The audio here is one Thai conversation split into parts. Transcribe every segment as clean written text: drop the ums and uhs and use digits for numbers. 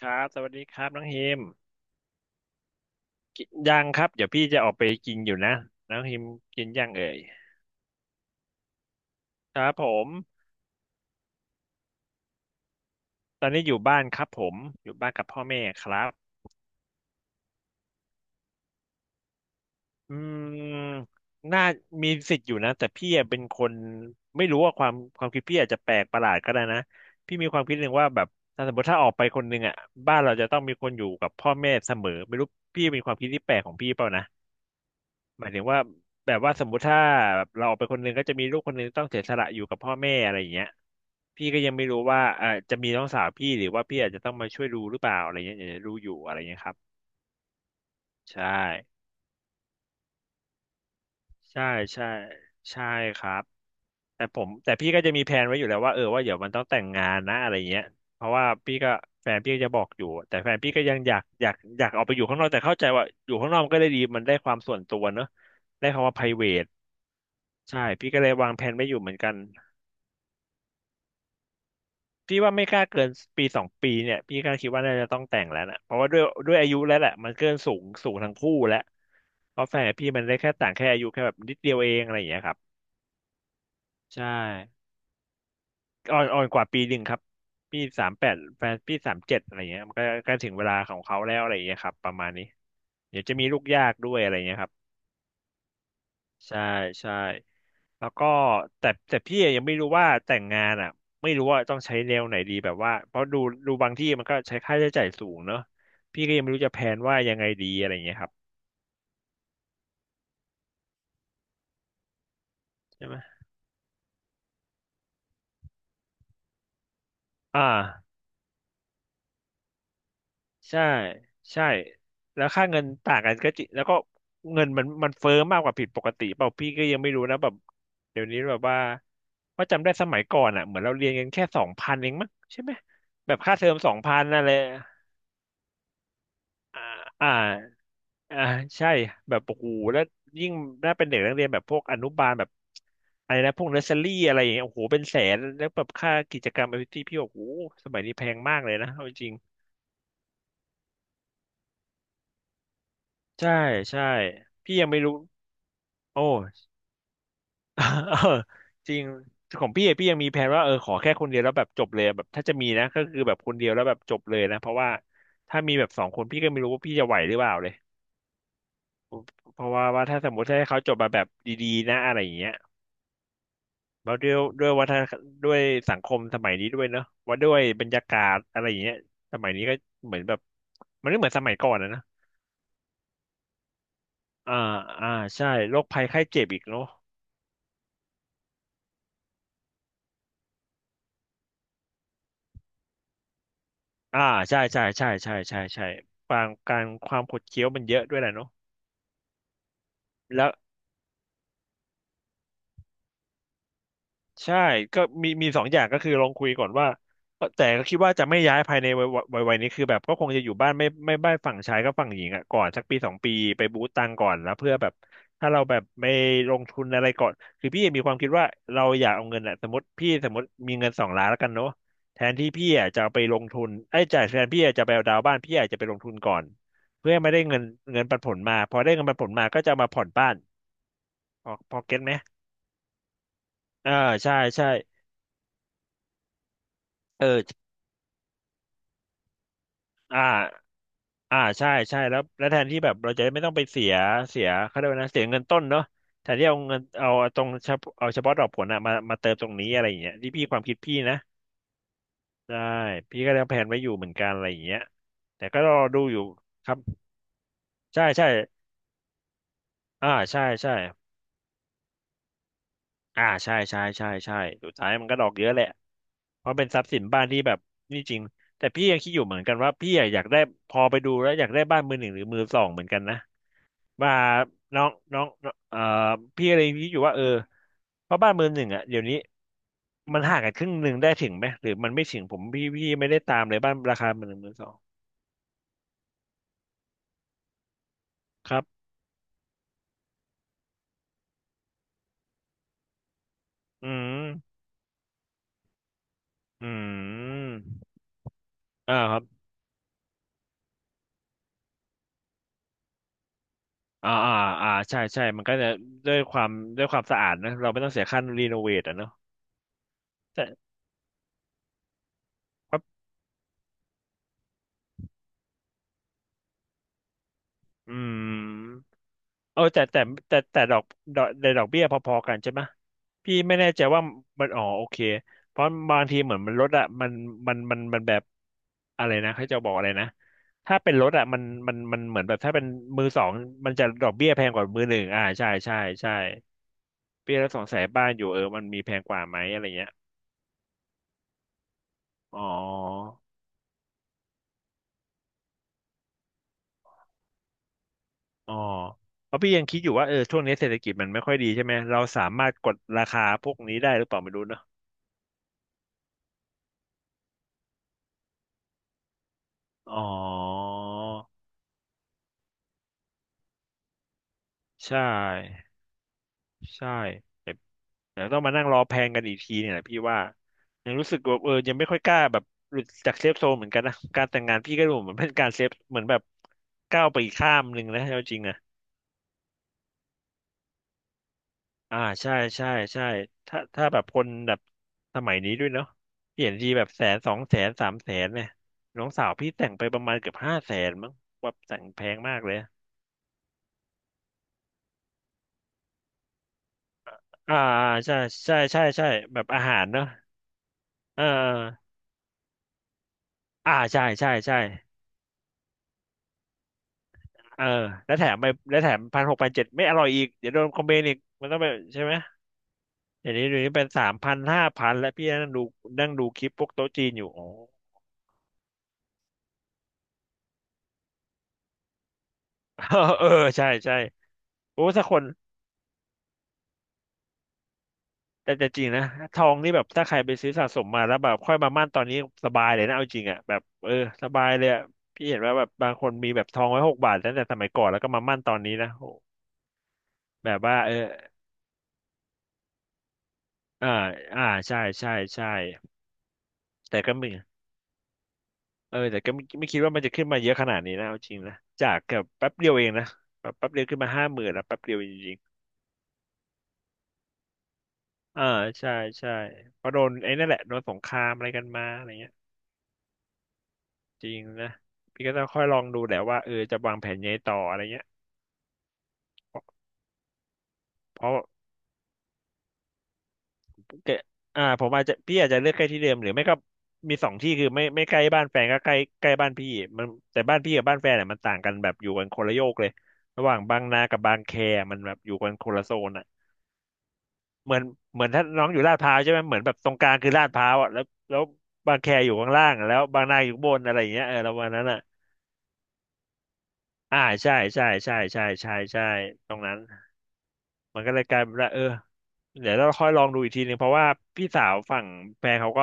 ครับสวัสดีครับน้องฮิมกินยังครับเดี๋ยวพี่จะออกไปกินอยู่นะน้องฮิมกินยังเอ่ยครับผมตอนนี้อยู่บ้านครับผมอยู่บ้านกับพ่อแม่ครับอืมน่ามีสิทธิ์อยู่นะแต่พี่อะเป็นคนไม่รู้ว่าความคิดพี่อาจจะแปลกประหลาดก็ได้นะพี่มีความคิดหนึ่งว่าแบบถ้าสมมติถ้าออกไปคนหนึ่งอ่ะบ้านเราจะต้องมีคนอยู่กับพ่อแม่เสมอไม่รู้พี่เป็นความคิดที่แปลกของพี่เปล่านะ หมายถึงว่าแบบว่าสมมุติถ้าแบบเราออกไปคนหนึงก็จะมีลูกคนหนึงต้องเสียสละอยู่กับพ่อแม่อะไรอย่างเงี้ยพี่ก็ยังไม่รู้ว่าเออจะมีน้องสาวพี่หรือว่าพี่อาจจะต้องมาช่วยดูหรือเปล่าอะไรเงี้ยอย่างรู้อยู่อะไรเงี้ยครับใช่ใช่ใช่ใช่ครับแต่พี่ก็จะมีแผนไว้อยู่แล้วว่าเออว่าเดี๋ยวมันต้องแต่งงานนะอะไรเงี้ยเพราะว่าพี่ก็แฟนพี่ก็จะบอกอยู่แต่แฟนพี่ก็ยังอยากออกไปอยู่ข้างนอกแต่เข้าใจว่าอยู่ข้างนอกมันก็ได้ดีมันได้ความส่วนตัวเนอะได้คำว่า private ใช่พี่ก็เลยวางแผนไว้อยู่เหมือนกัน พี่ว่าไม่กล้าเกินปีสองปีเนี่ยพี่ก็คิดว่าน่าจะต้องแต่งแล้วนะเพราะว่าด้วยอายุแล้วแหละมันเกินสูงสูงทั้งคู่แล้วเพราะแฟนกับพี่มันได้แค่ต่างแค่อายุแค่แบบนิดเดียวเองอะไรอย่างเงี้ยครับใช่อ่อนกว่าปีหนึ่งครับพี่38แฟนพี่37อะไรเงี้ยมันก็ใกล้ถึงเวลาของเขาแล้วอะไรอย่างเงี้ยครับประมาณนี้เดี๋ยวจะมีลูกยากด้วยอะไรเงี้ยครับ ใช่ใช่แล้วก็แต่แต่พี่ยังไม่รู้ว่าแต่งงานอ่ะไม่รู้ว่าต้องใช้แนวไหนดีแบบว่าเพราะดูบางที่มันก็ใช้ค่าใช้จ่ายสูงเนอะพี่ก็ยังไม่รู้จะแพลนว่ายังไงดีอะไรอย่างเงี้ยครับใช่ไหมอ่าใช่ใช่แล้วค่าเงินต่างกันก็จริงแล้วก็เงินมันเฟ้อมากกว่าผิดปกติเปล่าพี่ก็ยังไม่รู้นะแบบเดี๋ยวนี้แบบว่าว่าจำได้สมัยก่อนอ่ะเหมือนเราเรียนกันแค่สองพันเองมั้งใช่ไหมแบบค่าเทอมสองพันอะลรอ่า อ่าใช่แบบโอ้โหแล้วยิ่งน่าเป็นเด็กนักเรียนแบบพวกอนุบาลแบบอะไรนะพวกเนอร์เซอรี่อะไรอย่างเงี้ยโอ้โหเป็นแสนแล้วแบบค่ากิจกรรมแอคทิวิตี้พี่บอกโอ้โหสมัยนี้แพงมากเลยนะเอาจริงใช่ใช่พี่ยังไม่รู้โอ้ เออจริงของพี่อะพี่ยังมีแผนว่าเออขอแค่คนเดียวแล้วแบบจบเลยอะแบบถ้าจะมีนะก็คือแบบคนเดียวแล้วแบบจบเลยนะเพราะว่าถ้ามีแบบสองคนพี่ก็ไม่รู้ว่าพี่จะไหวหรือเปล่าเลยเพราะว่าว่าถ้าสมมติให้เขาจบมาแบบดีๆนะอะไรอย่างเงี้ย แล้วด้วยด้วยวัฒนด้วยสังคมสมัยนี้ด้วยเนอะว่าด้วยบรรยากาศอะไรอย่างเงี้ยสมัยนี้ก็เหมือนแบบมันไม่เหมือนสมัยก่อนนะนะอ่าอ่าใช่โรคภัยไข้เจ็บอีกเนาะอ่าใช่ใช่ใช่ใช่ใช่ใช่บางการความขดเคี้ยวมันเยอะด้วยแหละเนาะแล้ว ใช่ก็มีมีสองอย่างก็คือลองคุยก่อนว่าแต่ก็คิดว่าจะไม่ย้ายภายในวัยนี้คือแบบก็คงจะอยู่บ้านไม่บ้านฝั่งชายก็ฝั่งหญิงอ่ะก่อนสักปีสองปีไปบูตตังก่อนแล้วเพื่อแบบถ้าเราแบบไม่ลงทุนอะไรก่อนคือพี่มีความคิดว่าเราอยากเอาเงินอ่ะสมมติพี่สมมติมีเงิน2,000,000แล้วกันเนาะแทนที่พี่อะจะเอาไปลงทุนไอ้ยจ่ายแทนพี่อะจะไปเอาดาวน์บ้านพี่อาจจะไปลงทุนก่อนเพื่อให้ไม่ได้เงินเงินปันผลมาพอได้เงินปันผลมาก็จะเอามาผ่อนบ้านพอเก็ตไหมอ่าใช่ใช่เอออ่า อ่าใช่ใช่แล้วแล้วแทนที่แบบเราจะไม่ต้องไปเสียเสียเขาเรียกว่านะเสียเงินต้นเนาะแทนที่เอาเงินเอาตรงเฉพาะเอาเฉพาะดอกผลอะมามาเติมตรงนี้อะไรอย่างเงี้ยที่พี่ความคิดพี่นะได้พี่ก็ยังแผนไว้อยู่เหมือนกันอะไรอย่างเงี้ยแต่ก็รอดูอยู่ครับใช่ใช่อ่าใช่ใช่อ่าใช่ใช่ใช่ใช่สุดท้ายมันก็ดอกเยอะแหละเพราะเป็นทรัพย์สินบ้านที่แบบนี่จริงแต่พี่ยังคิดอยู่เหมือนกันว่าพี่อะอยากได้พอไปดูแล้วอยากได้บ้านมือหนึ่งหรือมือสองเหมือนกันนะ ว่าน้องน้องเอ่อพี่อะไรพี่อยู่ว่าเออเพราะบ้านมือหนึ่งอ่ะเดี๋ยวนี้มันห่างกันครึ่งหนึ่งได้ถึงไหมหรือมันไม่ถึงผมพี่ไม่ได้ตามเลยบ้านราคามือหนึ่งมือสองครับอืมอืมอ่าครับอ่าอ่าอ่าใช่ใช่มันก็จะด้วยความด้วยความสะอาดนะเราไม่ต้องเสียค่ารีโนเวทอ่ะเนาะแต่ครับอืม เออแต่ดอกในดอกเบี้ยพอๆกันใช่ไหมพี่ไม่แน่ใจว่ามันอ๋อโอเคเพราะบางทีเหมือนมันลดอะมันแบบอะไรนะเขาจะบอกอะไรนะถ้าเป็นรถอะมันเหมือนแบบถ้าเป็นมือสองมันจะดอกเบี้ยแพงกว่ามือหนึ่งอ่าใช่ใช่ใช่พี่แล้วสงสัยบ้านอยู่เออมันมีแพงกว่าไหมอะไรเงี้ยอ๋ออ๋อเพราะพี่ยังคิดอยู่ว่าเออช่วงนี้เศรษฐกิจมันไม่ค่อยดีใช่ไหมเราสามารถกดราคาพวกนี้ได้หรือเปล่าไม่รู้เนอะอ๋อ ใช่ใช่แบบเดี๋ยวต้องมานั่งรอแพงกันอีกทีเนี่ยแหละพี่ว่ายังรู้สึกว่าเออยังไม่ค่อยกล้าแบบหลุดจากเซฟโซนเหมือนกันนะการแต่งงานพี่ก็ดูเหมือนเป็นการเซฟเหมือนแบบก้าวไปอีกข้ามหนึ่งนะเอาจริงอะอ่าใช่ใช่ใช่ถ้าแบบคนแบบสมัยนี้ด้วยเนาะเปลี่ยนทีแบบแสนสองแสนสามแสนเนี่ยน้องสาวพี่แต่งไปประมาณเกือบห้าแสนมั้งว่าแต่งแพงมากเลยอ่าใช่ใช่ใช่ใช่แบบอาหารเนาะเอออ่าใช่ใช่ใช่ เออแล้วแถมไปแล้วแถมพันหกพันเจ็ดไม่อร่อยอีกเดี๋ยวโดนคอมเมนต์อีกมันต้องไปใช่ไหมเดี๋ยวนี้เดี๋ยวนี้เป็นสามพันห้าพันแล้วพี่นั่งดูนั่งดูคลิปพวกโต๊ะจีนอยู่อ๋อ เออใช่ใช่โอ้ถ้าคนแต่จริงนะทองนี่แบบถ้าใครไปซื้อสะสมมาแล้วแบบค่อยมามั่นตอนนี้สบายเลยนะเอาจริงอ่ะแบบเออสบายเลยอะพี่เห็นว่าแบบบางคนมีแบบทองไว้หกบาทตั้งแต่สมัยก่อนแล้วก็มามั่นตอนนี้นะโหแบบว่าเอออ่าอ่าใช่ใช่ใช่แต่ก็มี เออแต่ก็ไม่คิดว่ามันจะขึ้นมาเยอะขนาดนี้นะเอาจริงนะจากแบบแป๊บเดียวเองนะแบบแป๊บเดียวขึ้นมาห้าหมื่นแล้วแป๊บเดียวจริงๆอ่าใช่ใช่เพราะโดนไอ้นั่นแหละโดนสงครามอะไรกันมาอะไรเงี้ยจริงนะพี่ก็ต้องค่อยลองดูแหละว่าเออจะวางแผนยังไงต่ออะไรเงี้ยเพราะเพราะแกอ่าผมอาจจะพี่อาจจะเลือกใกล้ที่เดิมหรือไม่ก็มีสองที่คือไม่ใกล้บ้านแฟนก็ใกล้ใกล้บ้านพี่มันแต่บ้านพี่กับบ้านแฟนเนี่ยมันต่างกันแบบอยู่กันคนละโยกเลยระหว่างบางนากับบางแคมันแบบอยู่กันคนละโซนอะ เหมือนเหมือนถ้าน้องอยู่ลาดพร้าวใช่ไหมเหมือนแบบตรงกลางคือลาดพร้าวอ่ะแล้วบางแคอยู่ข้างล่างอะแล้วบางนาอยู่ข้างบนอะไรอย่างเงี้ยเออแล้ววันนั้นอ่ะอ่าใช่ใช่ใช่ใช่ใช่ใช่ตรงนั้นมันก็เลยกลายเป็นว่าเออเดี๋ยวเราค่อยลองดูอีกทีหนึ่งเพราะว่าพี่สาวฝั่งแฟนเขาก็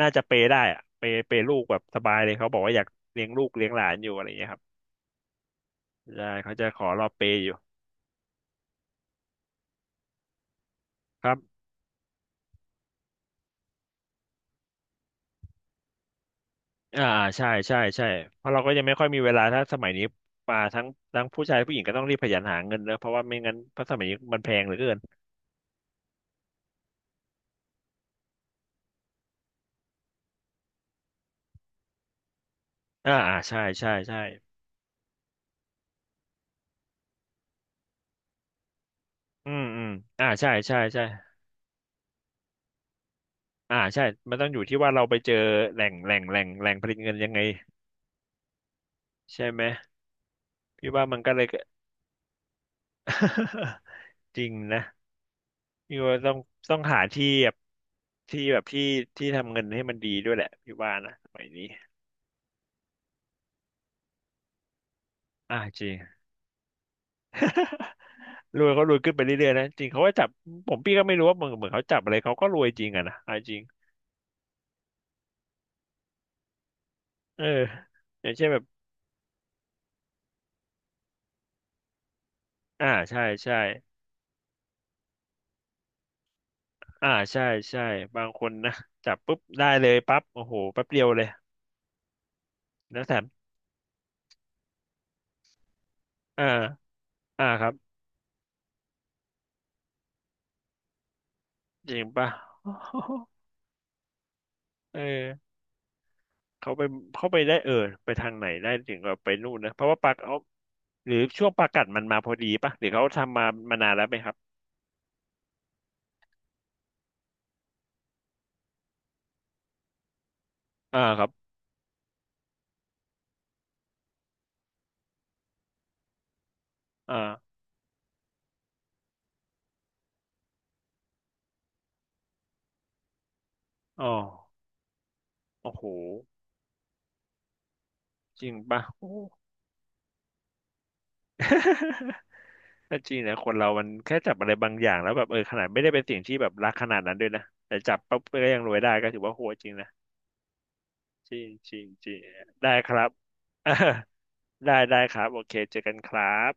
น่าจะเปย์ได้อะเปย์เปย์ลูกแบบสบายเลยเขาบอกว่าอยากเลี้ยงลูกเลี้ยงหลานอยู่อะไรอย่างเงี้ยครับใช่เขาจะขอรอเปย์อยู่ครับ อ่าใช่ใช่ใช่เพราะเราก็ยังไม่ค่อยมีเวลาถ้าสมัยนี้มาทั้งผู้ชายผู้หญิงก็ต้องรีบขยันหาเงินนะเพราะว่าไม่งั้นเพราะสมัยนี้มันแพงเหลือเกินอ่าอ่าใช่ใช่ใช่อืมอืมอ่าใช่ใช่ใช่อ่าใช่มันต้องอยู่ที่ว่าเราไปเจอแหล่งผลิตเงินยังไงใช่ไหมพี่ว่ามันก็เลย จริงนะพี่ว่าต้องหาที่แบบที่ที่ทำเงินให้มันดีด้วยแหละพี่ว่านะสมัยนี้อ่าจริง รวยเขารวยขึ้นไปเรื่อยๆนะจริงเขาก็จับผมพี่ก็ไม่รู้ว่าเหมือนเขาจับอะไรเขาก็รวยจริงอะนะเอาจริงเอออย่างเช่นแบบอ่าใช่ใช่อ่าใช่ใช่บางคนนะจับปุ๊บได้เลยปั๊บโอ้โหแป๊บเดียวเลยแล้วแถมอ่าอ่าครับจริงป่ะ เออเขาไปเขาไปได้เออไปทางไหนได้ถึงกับไปนู่นนะเพราะว่าปลากเอาหรือช่วงปลากัดมันมาพอดีป่ะหรือเขาทำมามานานแล้วไหมครับอ่าครับอ่าอ๋อโอ้โหจริงป่ะโอ้ ก็จริงนะคนเรามันแค่จับอะไรบางอย่างแล้วแบบเออขนาดไม่ได้เป็นสิ่งที่แบบรักขนาดนั้นด้วยนะแต่จับปั๊บก็ยังรวยได้ก็ถือว่าโหดจริงนะจริงจริงจริงได้ครับ ได้ได้ครับโอเคเจอกันครับ